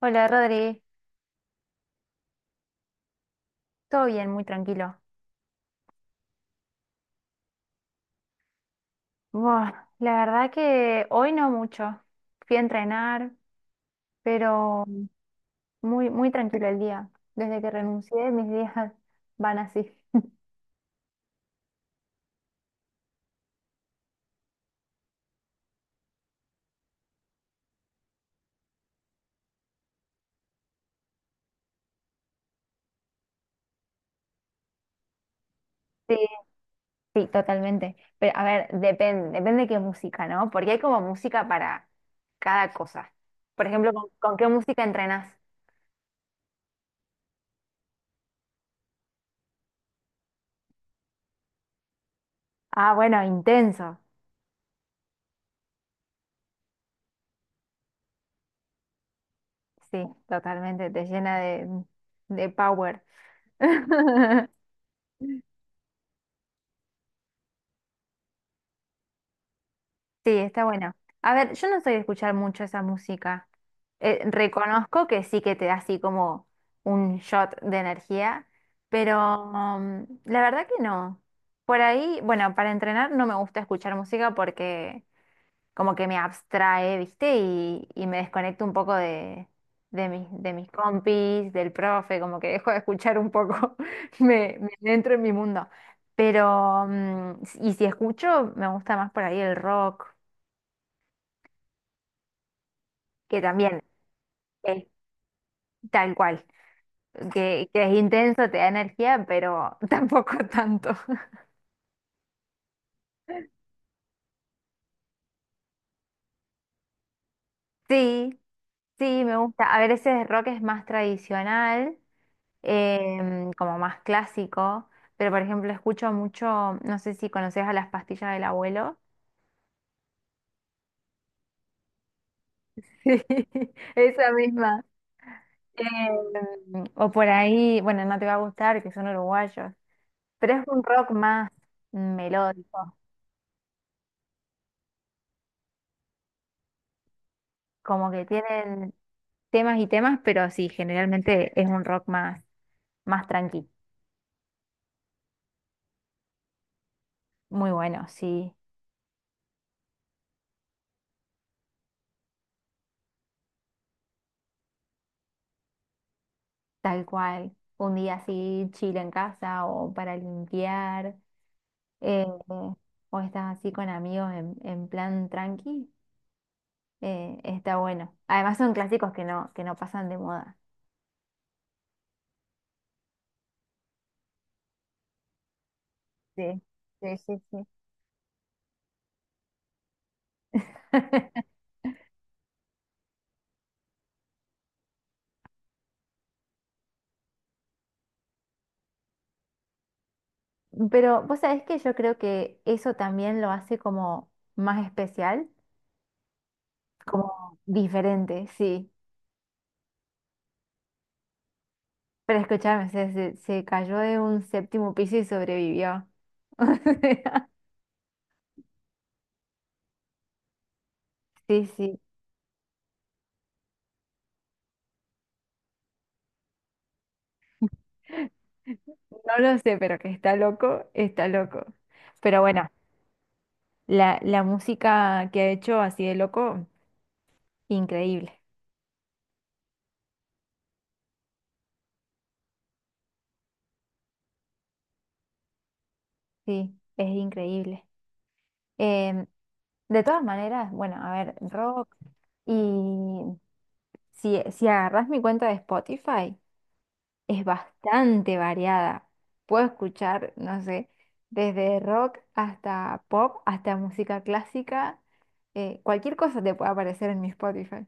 Hola Rodri, todo bien, muy tranquilo. Buah, la verdad que hoy no mucho. Fui a entrenar, pero muy, muy tranquilo el día. Desde que renuncié, mis días van así. Sí, sí, totalmente. Pero a ver, depende, depende qué música, ¿no? Porque hay como música para cada cosa. Por ejemplo, ¿con qué música entrenas? Ah, bueno, intenso. Sí, totalmente, te llena de power. Sí, está bueno. A ver, yo no soy de escuchar mucho esa música. Reconozco que sí que te da así como un shot de energía, pero la verdad que no. Por ahí, bueno, para entrenar no me gusta escuchar música porque como que me abstrae, ¿viste? Y me desconecto un poco de mis compis, del profe, como que dejo de escuchar un poco, me entro en mi mundo. Pero, y si escucho, me gusta más por ahí el rock, que también es tal cual, que es intenso, te da energía, pero tampoco tanto. Sí, sí, me gusta. A ver, ese rock es más tradicional, como más clásico, pero por ejemplo escucho mucho, no sé si conoces a Las Pastillas del Abuelo. Sí, esa misma. O por ahí, bueno, no te va a gustar, que son uruguayos, pero es un rock más melódico, como que tienen temas y temas, pero sí, generalmente es un rock más, más tranqui. Muy bueno, sí, tal cual. Un día así, chile en casa o para limpiar, eh, o estás así con amigos en plan tranqui, está bueno. Además son clásicos que no pasan de moda. Sí, sí, sí, sí. Pero vos sabés que yo creo que eso también lo hace como más especial, como diferente, sí. Pero escúchame, se cayó de un séptimo piso y sobrevivió. O sea, sí, sí. No lo sé, pero que está loco, está loco. Pero bueno, la música que ha hecho así de loco, increíble. Sí, es increíble. Em, de todas maneras, bueno, a ver, rock. Y si agarras mi cuenta de Spotify, es bastante variada. Puedo escuchar, no sé, desde rock hasta pop, hasta música clásica. Cualquier cosa te puede aparecer en mi Spotify.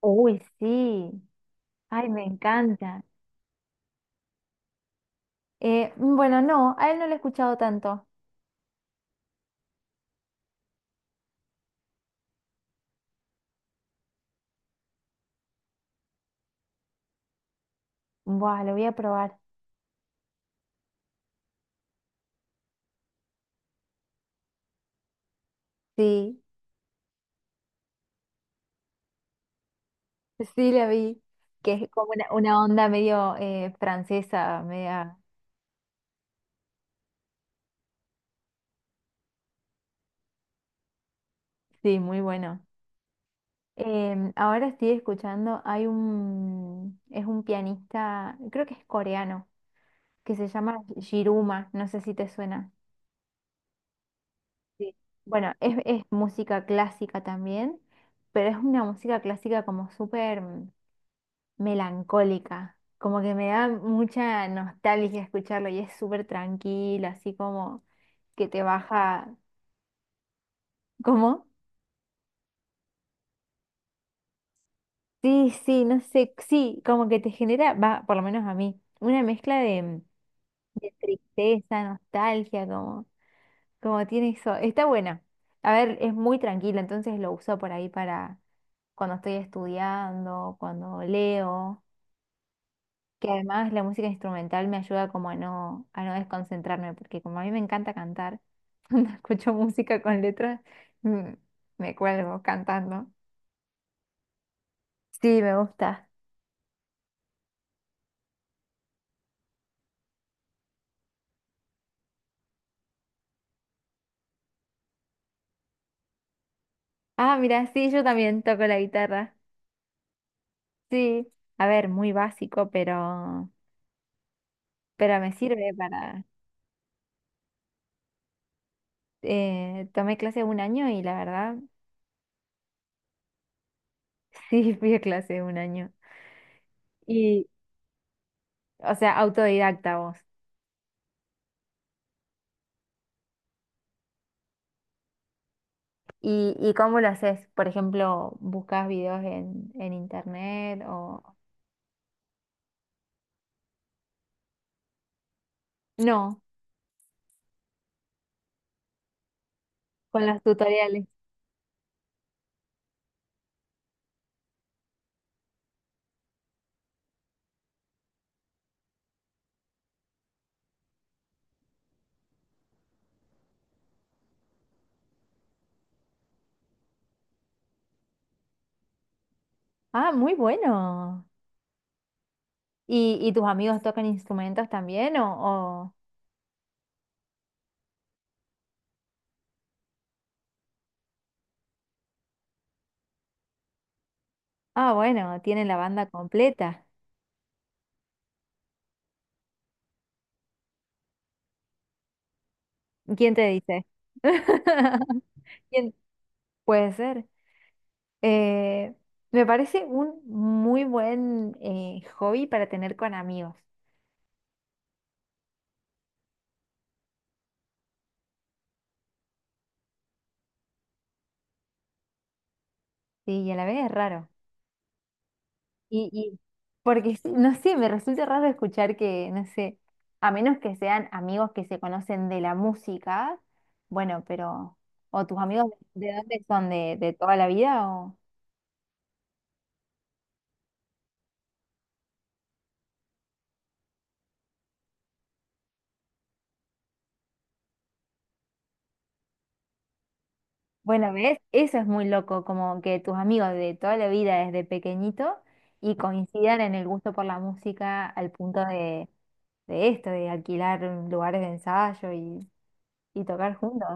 Uy, sí. Ay, me encanta. Bueno, no, a él no lo he escuchado tanto. Buah, lo voy a probar. Sí, sí la vi. Que es como una onda medio francesa, media. Sí, muy bueno. Ahora estoy escuchando, hay un, es un pianista, creo que es coreano, que se llama Shiruma, no sé si te suena. Sí. Bueno, es música clásica también, pero es una música clásica como súper melancólica, como que me da mucha nostalgia escucharlo y es súper tranquilo, así como que te baja, ¿cómo? Sí, sí, no sé, sí, como que te genera, va, por lo menos a mí, una mezcla de tristeza, nostalgia, como, como tiene eso. Está buena. A ver, es muy tranquila, entonces lo uso por ahí para cuando estoy estudiando, cuando leo, que además la música instrumental me ayuda como a no desconcentrarme, porque como a mí me encanta cantar, cuando escucho música con letras, mm, me cuelgo cantando. Sí, me gusta. Ah, mira, sí, yo también toco la guitarra. Sí, a ver, muy básico, pero me sirve. Tomé clase un año y la verdad, sí, fui a clase un año. Y o sea, autodidacta vos. Y cómo lo haces? Por ejemplo, ¿buscas videos en internet o...? No, con los tutoriales. Ah, muy bueno. Y tus amigos tocan instrumentos también o- Ah, bueno, tienen la banda completa. ¿Quién te dice? ¿Quién? Puede ser. Eh, Me parece un muy buen hobby para tener con amigos, sí, y a la vez es raro. Y porque, sí, no sé, me resulta raro escuchar que, no sé, a menos que sean amigos que se conocen de la música, bueno, pero, o tus amigos, ¿de dónde son? De toda la vida? O... Bueno, ¿ves? Eso es muy loco, como que tus amigos de toda la vida desde pequeñito y coincidan en el gusto por la música al punto de esto, de alquilar lugares de ensayo y tocar juntos.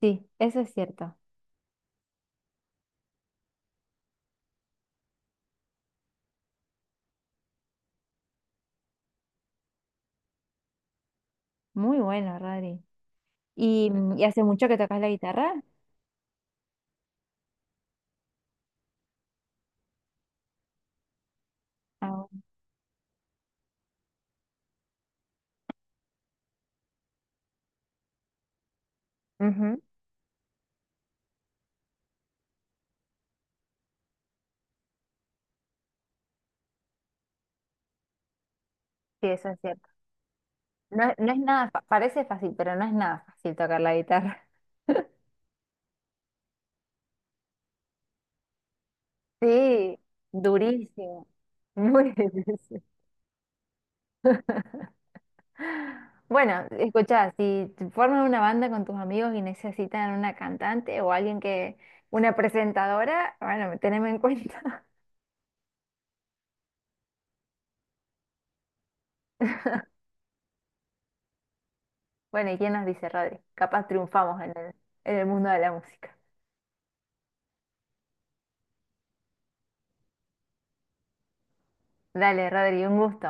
Sí, eso es cierto. Muy bueno, Rodri. ¿Y, y hace mucho que tocas la guitarra? Ah, ujú. Sí, eso es cierto. No, es- no es nada, fa- parece fácil, pero no es nada fácil tocar la guitarra. Sí, durísimo, muy difícil. Bueno, escuchá, si te formas una banda con tus amigos y necesitan una cantante o alguien que, una presentadora, bueno, teneme en cuenta. Bueno, ¿y quién nos dice, Rodri? Capaz triunfamos en el mundo de la música. Dale, Rodri, un gusto.